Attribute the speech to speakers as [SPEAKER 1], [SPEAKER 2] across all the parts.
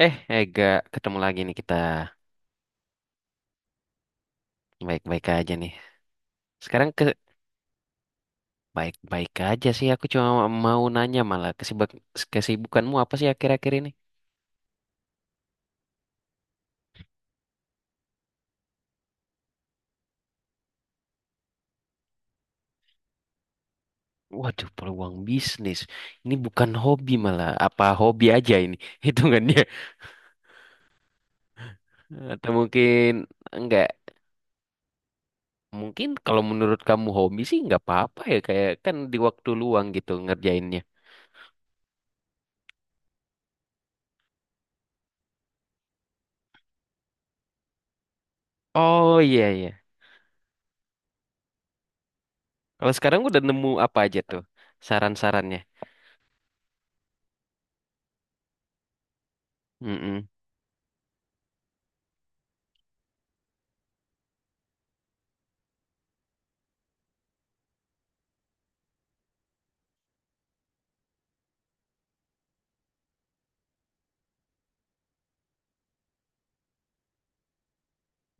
[SPEAKER 1] Eh, Ega, ketemu lagi nih kita. Baik-baik aja nih. Sekarang baik-baik aja sih. Aku cuma mau nanya malah kesibukanmu apa sih akhir-akhir ini? Waduh, peluang bisnis. Ini bukan hobi malah. Apa hobi aja ini hitungannya? Atau mungkin enggak? Mungkin kalau menurut kamu hobi sih nggak apa-apa ya. Kayak kan di waktu luang gitu ngerjainnya. Oh, iya iya. Kalau sekarang udah nemu apa aja tuh saran-sarannya? Mm-mm.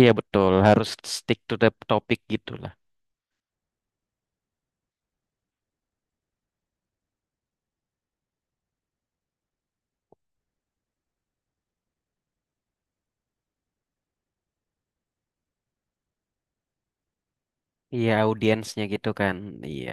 [SPEAKER 1] Iya betul, harus stick to the topic gitu lah. Iya, audiensnya gitu kan. Iya.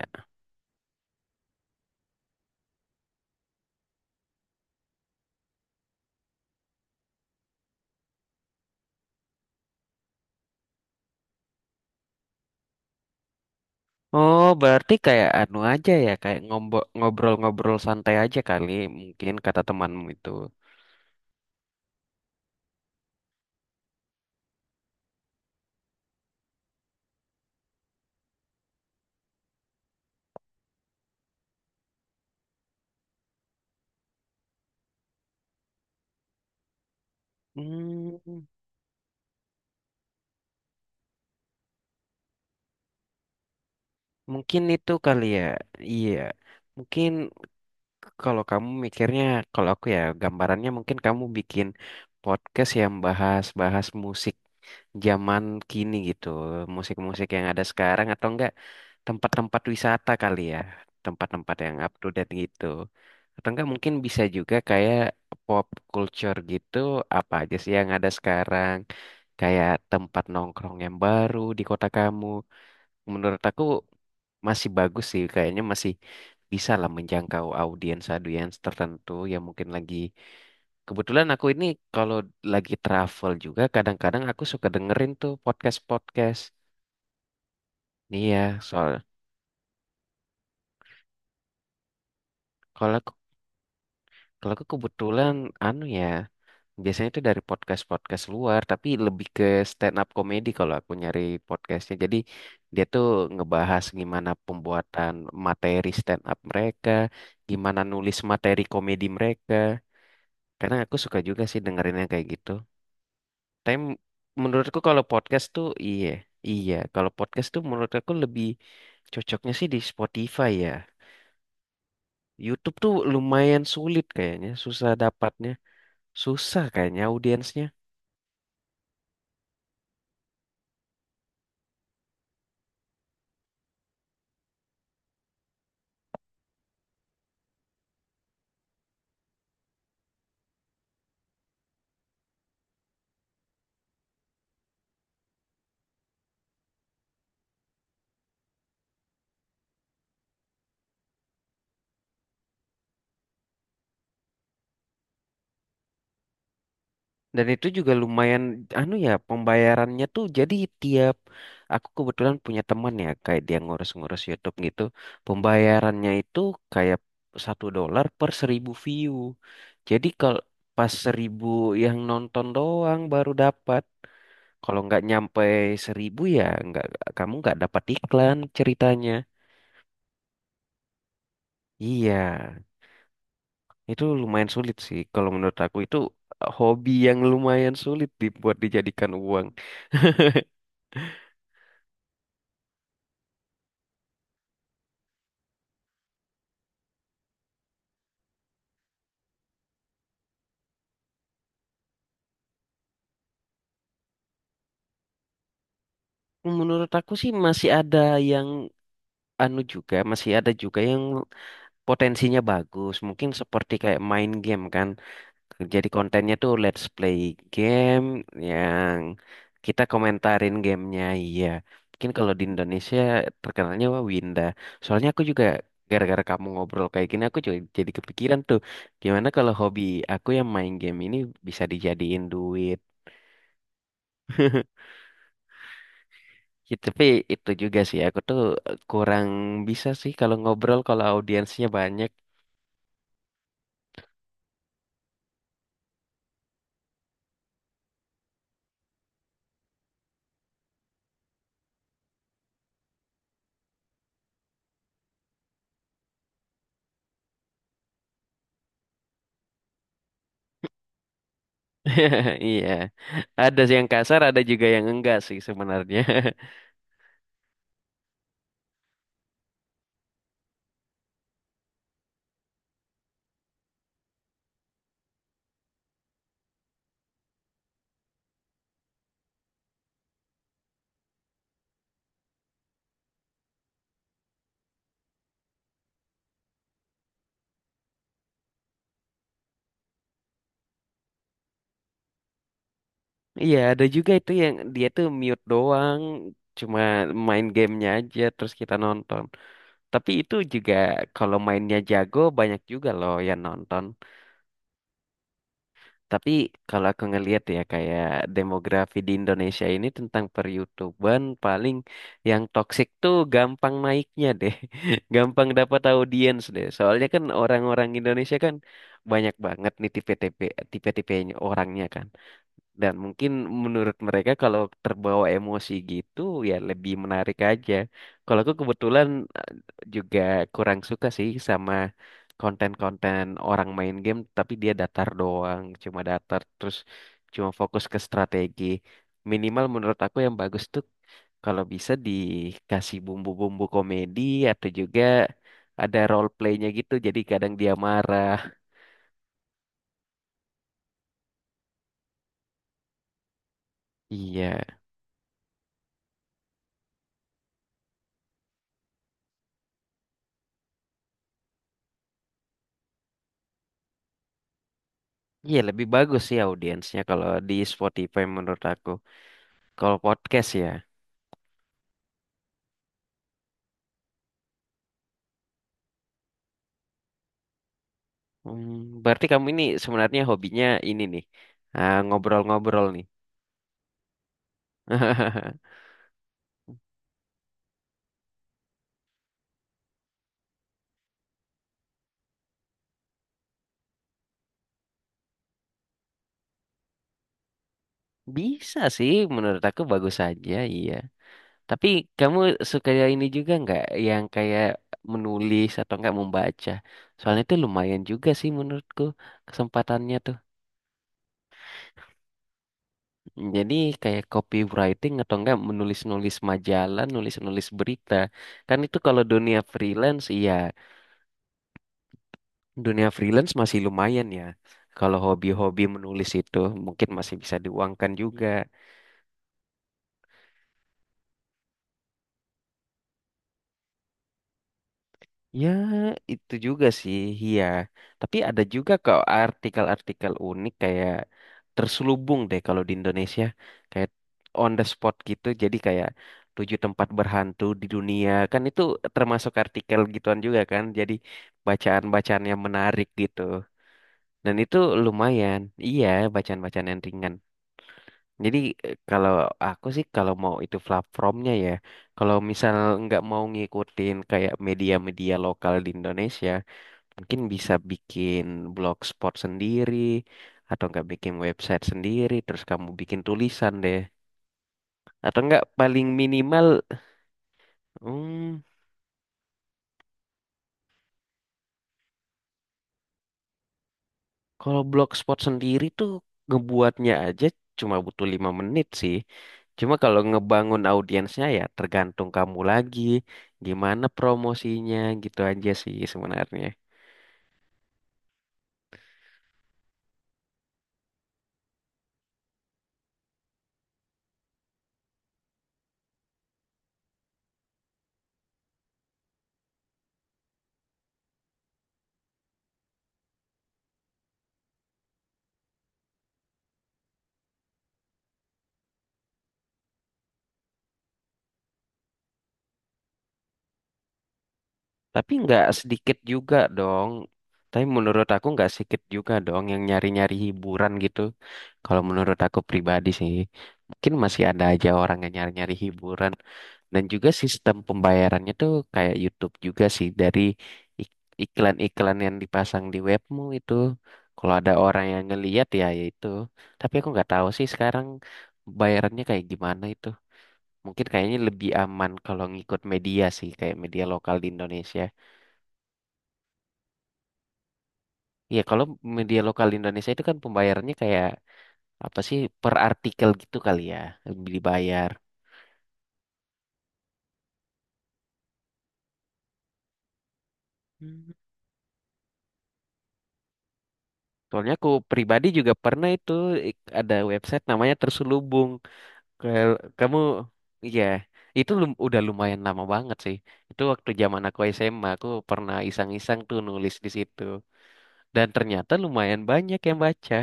[SPEAKER 1] Oh, berarti kayak anu aja ya, kayak ngobrol-ngobrol santai aja kali mungkin kata temanmu itu. Hmm, mungkin itu kali ya. Iya. Mungkin kalau kamu mikirnya, kalau aku ya gambarannya mungkin kamu bikin podcast yang bahas-bahas musik zaman kini gitu, musik-musik yang ada sekarang atau enggak tempat-tempat wisata kali ya, tempat-tempat yang up to date gitu. Atau enggak mungkin bisa juga kayak pop culture gitu, apa aja sih yang ada sekarang, kayak tempat nongkrong yang baru di kota kamu. Menurut aku masih bagus sih kayaknya, masih bisa lah menjangkau audiens audiens tertentu yang mungkin lagi. Kebetulan aku ini kalau lagi travel juga kadang-kadang aku suka dengerin tuh podcast podcast nih ya soal, kalau aku kalau aku kebetulan anu ya, biasanya itu dari podcast podcast luar, tapi lebih ke stand up comedy kalau aku nyari podcastnya. Jadi dia tuh ngebahas gimana pembuatan materi stand up mereka, gimana nulis materi komedi mereka. Karena aku suka juga sih dengerin yang kayak gitu. Tapi menurutku kalau podcast tuh iya, iya. Kalau podcast tuh menurut aku lebih cocoknya sih di Spotify ya. YouTube tuh lumayan sulit kayaknya, susah dapatnya, susah kayaknya audiensnya. Dan itu juga lumayan, anu ya, pembayarannya tuh jadi tiap, aku kebetulan punya teman ya, kayak dia ngurus-ngurus YouTube gitu, pembayarannya itu kayak $1 per 1.000 view. Jadi kalau pas 1.000 yang nonton doang baru dapat. Kalau nggak nyampe 1.000 ya, nggak kamu nggak dapat iklan ceritanya. Iya, itu lumayan sulit sih. Kalau menurut aku itu hobi yang lumayan sulit dibuat dijadikan uang. Menurut aku sih masih ada yang anu juga, masih ada juga yang potensinya bagus. Mungkin seperti kayak main game kan. Jadi kontennya tuh let's play game yang kita komentarin gamenya. Iya. Mungkin kalau di Indonesia terkenalnya wah Winda. Soalnya aku juga gara-gara kamu ngobrol kayak gini aku juga jadi kepikiran tuh. Gimana kalau hobi aku yang main game ini bisa dijadiin duit. Ya, tapi itu juga sih, aku tuh kurang bisa sih kalau ngobrol kalau audiensnya banyak. Iya, ada sih yang kasar, ada juga yang enggak sih sebenarnya. Iya, ada juga itu yang dia tuh mute doang, cuma main gamenya aja terus kita nonton. Tapi itu juga kalau mainnya jago banyak juga loh yang nonton. Tapi kalau aku ngelihat ya kayak demografi di Indonesia ini tentang peryoutuban paling yang toksik tuh gampang naiknya deh. Gampang dapat audiens deh. Soalnya kan orang-orang Indonesia kan banyak banget nih tipe-tipenya orangnya kan. Dan mungkin menurut mereka kalau terbawa emosi gitu ya lebih menarik aja. Kalau aku kebetulan eh, juga kurang suka sih sama konten-konten orang main game, tapi dia datar doang, cuma datar terus cuma fokus ke strategi. Minimal menurut aku yang bagus tuh kalau bisa dikasih bumbu-bumbu komedi atau juga ada role play-nya gitu jadi kadang dia marah. Iya. Iya, lebih bagus sih audiensnya kalau di Spotify menurut aku. Kalau podcast ya. Hmm, berarti kamu ini sebenarnya hobinya ini nih. Ah, ngobrol-ngobrol nih. Bisa sih, menurut aku bagus saja, iya. Tapi kamu suka ini juga nggak yang kayak menulis atau nggak membaca? Soalnya itu lumayan juga sih menurutku kesempatannya tuh. Jadi kayak copywriting atau enggak menulis-nulis majalah, nulis-nulis berita. Kan itu kalau dunia freelance, iya. Dunia freelance masih lumayan ya. Kalau hobi-hobi menulis itu mungkin masih bisa diuangkan juga. Ya, itu juga sih, iya. Tapi ada juga kok artikel-artikel unik kayak terselubung deh kalau di Indonesia. Kayak on the spot gitu, jadi kayak tujuh tempat berhantu di dunia. Kan itu termasuk artikel gituan juga kan. Jadi bacaan-bacaan yang menarik gitu. Dan itu lumayan, iya, bacaan-bacaan yang ringan. Jadi kalau aku sih kalau mau itu platformnya ya, kalau misal nggak mau ngikutin kayak media-media lokal di Indonesia, mungkin bisa bikin blogspot sendiri atau enggak bikin website sendiri terus kamu bikin tulisan deh. Atau enggak paling minimal, hmm, kalau blogspot sendiri tuh ngebuatnya aja cuma butuh 5 menit sih. Cuma kalau ngebangun audiensnya ya tergantung kamu lagi, gimana promosinya gitu aja sih sebenarnya. Tapi nggak sedikit juga dong. Tapi menurut aku nggak sedikit juga dong yang nyari-nyari hiburan gitu. Kalau menurut aku pribadi sih, mungkin masih ada aja orang yang nyari-nyari hiburan. Dan juga sistem pembayarannya tuh kayak YouTube juga sih dari ik- iklan-iklan yang dipasang di webmu itu. Kalau ada orang yang ngeliat ya ya itu. Tapi aku nggak tahu sih sekarang bayarannya kayak gimana itu. Mungkin kayaknya lebih aman kalau ngikut media sih, kayak media lokal di Indonesia. Iya, kalau media lokal Indonesia itu kan pembayarannya kayak apa sih per artikel gitu kali ya, dibayar. Hmm. Soalnya aku pribadi juga pernah itu ada website namanya Terselubung. Kayak- Kamu, iya, itu udah lumayan lama banget sih. Itu waktu zaman aku SMA, aku pernah iseng-iseng tuh nulis di situ. Dan ternyata lumayan banyak yang baca,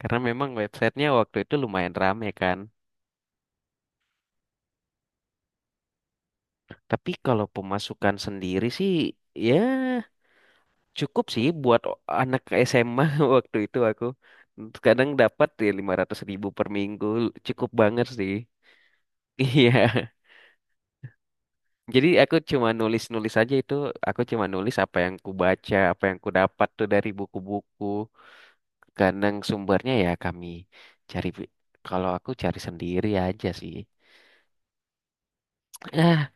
[SPEAKER 1] karena memang websitenya waktu itu lumayan rame kan. Tapi kalau pemasukan sendiri sih, ya cukup sih buat anak SMA waktu itu aku. Kadang dapat ya 500.000 per minggu. Cukup banget sih. Iya. Jadi aku cuma nulis-nulis aja itu. Aku cuma nulis apa yang ku baca, apa yang ku dapat tuh dari buku-buku. Kadang sumbernya ya kami cari. Kalau aku cari sendiri aja sih. Ah,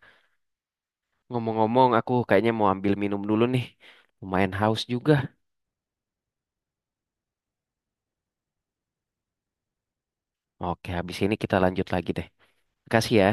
[SPEAKER 1] ngomong-ngomong aku kayaknya mau ambil minum dulu nih. Lumayan haus juga. Oke, habis ini kita lanjut lagi deh. Kasih ya.